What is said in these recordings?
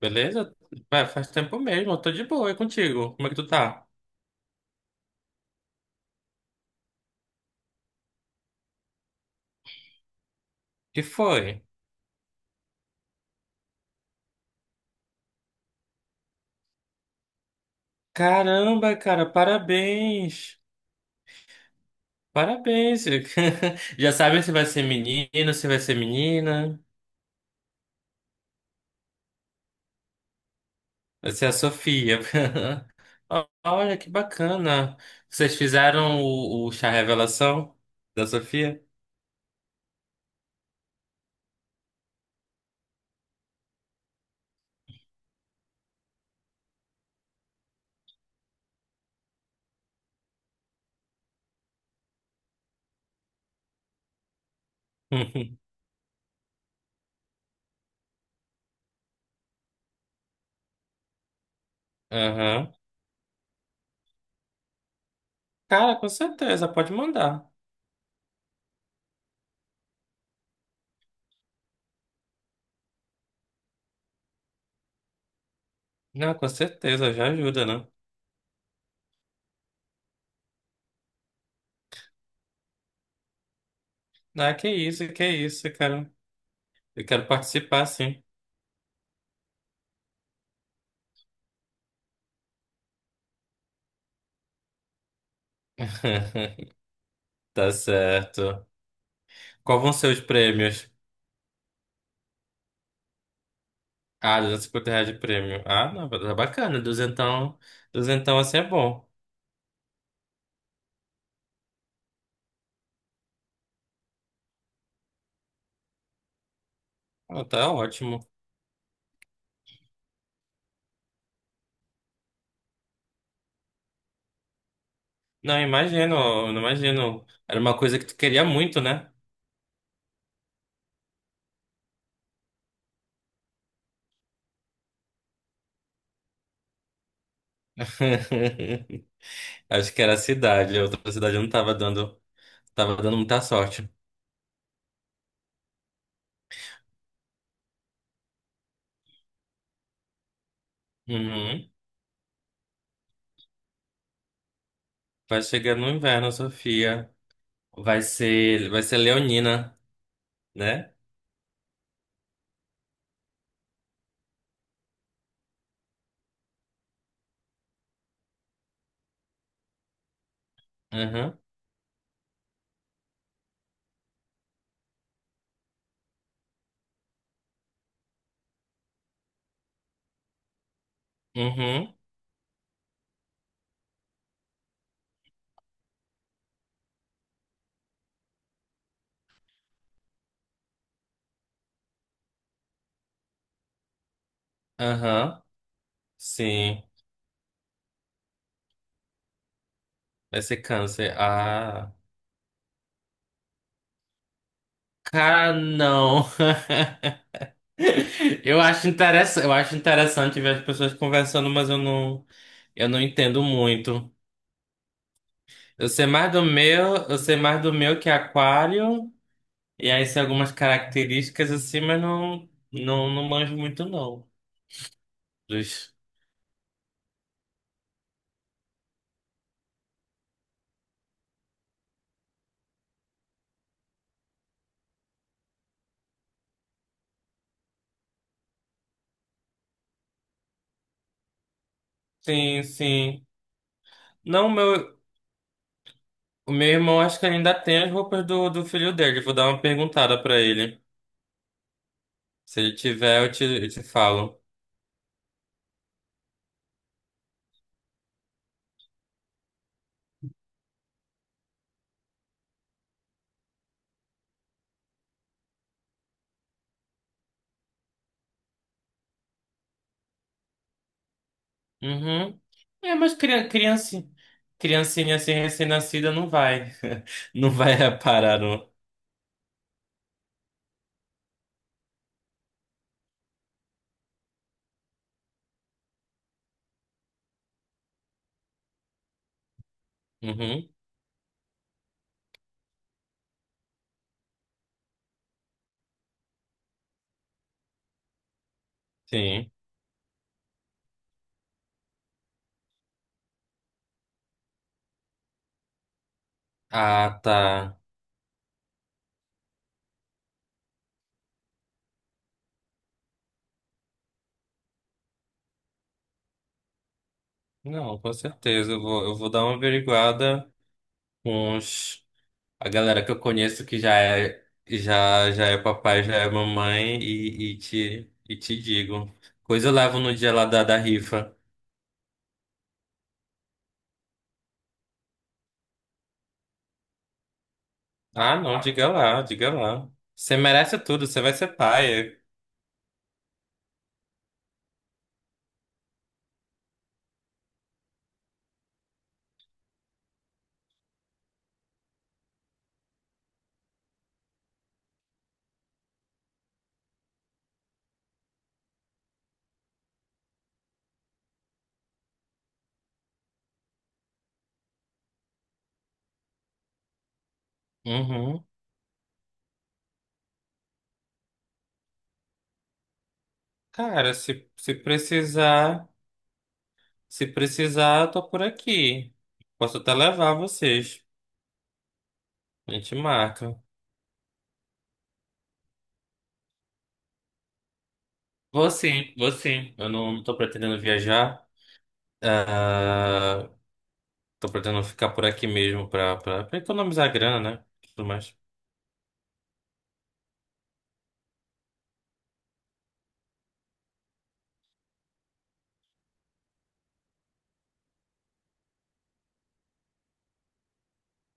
Beleza? Ué, faz tempo mesmo, eu tô de boa, é contigo. Como é que tu tá? Que foi? Caramba, cara, parabéns! Parabéns! Já sabem se vai ser menino, se vai ser menina. Vai ser a Sofia. Olha que bacana. Vocês fizeram o chá revelação da Sofia? Aham. Cara, com certeza, pode mandar. Não, com certeza, já ajuda, né? Ah, que isso, cara. Eu quero participar, sim. Tá certo. Qual vão ser os prêmios? Ah, R$ 250 de prêmio. Ah, não, tá bacana. Duzentão, duzentão assim é bom. Ah, tá ótimo. Não, imagino, eu não imagino. Era uma coisa que tu queria muito, né? Acho que era a cidade. A outra cidade não tava dando, tava dando muita sorte. Uhum. Vai chegar no inverno, Sofia. Vai ser Leonina, né? Uhum. Uhum. Aham. Sim. Vai ser câncer. Ah. Cara, não. Eu acho interessante ver as pessoas conversando, mas eu não entendo muito. Eu sei mais do meu, eu sei mais do meu que é aquário, e aí sei algumas características assim, mas não, não, não manjo muito não. Dos- Sim, sim. Não, meu, o meu irmão acho que ainda tem as roupas do filho dele. Vou dar uma perguntada pra ele. Se ele tiver, eu te falo. Uhum. É, mas criança, criancinha assim recém-nascida não vai. Não vai parar no. Uhum, sim. Ah, tá. Não, com certeza. Eu vou dar uma averiguada com a galera que eu conheço que já é, já, já é papai, já é mamãe e, e te digo. Coisa eu levo no dia lá da rifa. Ah, não, diga lá, diga lá. Você merece tudo, você vai ser pai. Uhum. Cara, se precisar. Se precisar, eu tô por aqui. Posso até levar vocês. A gente marca. Vou sim, vou sim. Eu não tô pretendendo viajar. Ah, tô pretendendo ficar por aqui mesmo pra, pra, pra economizar grana, né? Tudo mais.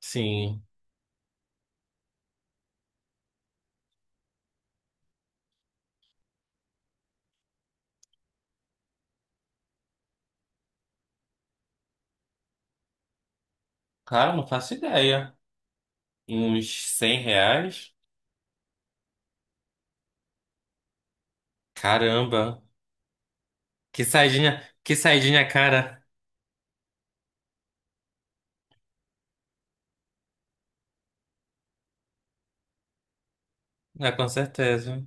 Sim. Cara, não faço ideia. Uns R$ 100? Caramba. Que saidinha cara. É, com certeza.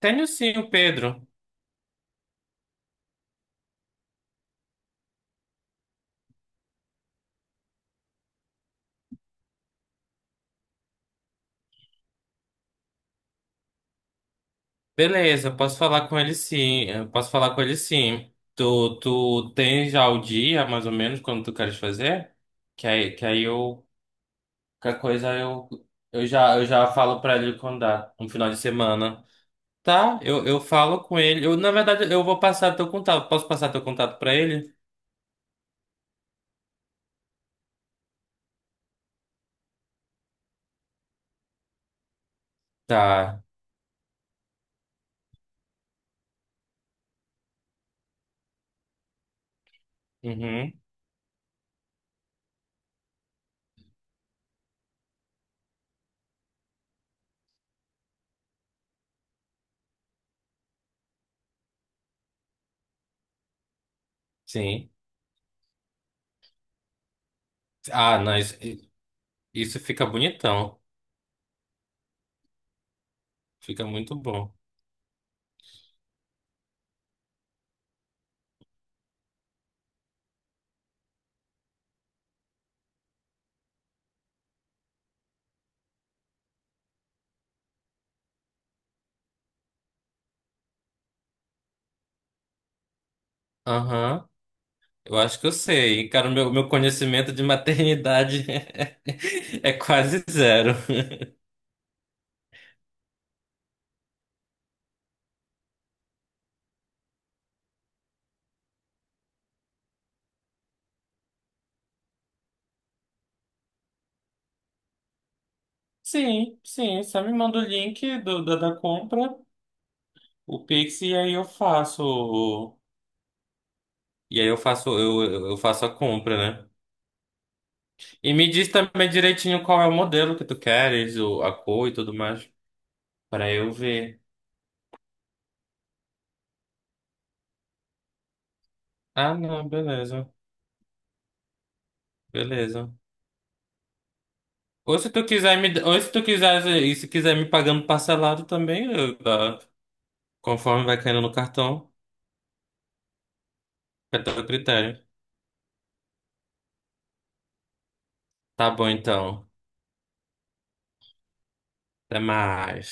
Tenho sim o Pedro. Beleza, eu posso falar com ele sim. Eu posso falar com ele sim. Tu tem já o dia, mais ou menos, quando tu queres fazer? Que aí eu. Qualquer coisa eu, eu já falo pra ele quando dá, um final de semana. Tá, eu falo com ele. Eu, na verdade, eu vou passar teu contato. Posso passar teu contato pra ele? Tá. Uhum. Sim. Ah, não, isso fica bonitão. Fica muito bom. Aham. Eu acho que eu sei. Cara, o meu, meu conhecimento de maternidade é, quase zero. Sim, sim. Só me manda o link do, da compra, o Pix, e aí eu faço. O- E aí eu faço, eu, eu faço a compra, né? E me diz também direitinho qual é o modelo que tu queres, o, a cor e tudo mais, para eu ver. Ah, não, beleza, beleza. Ou se tu quiser me, ou se tu quiser, e se quiser me pagando parcelado também, eu- tá, conforme vai caindo no cartão. Fica teu critério. Tá bom, então. Até mais.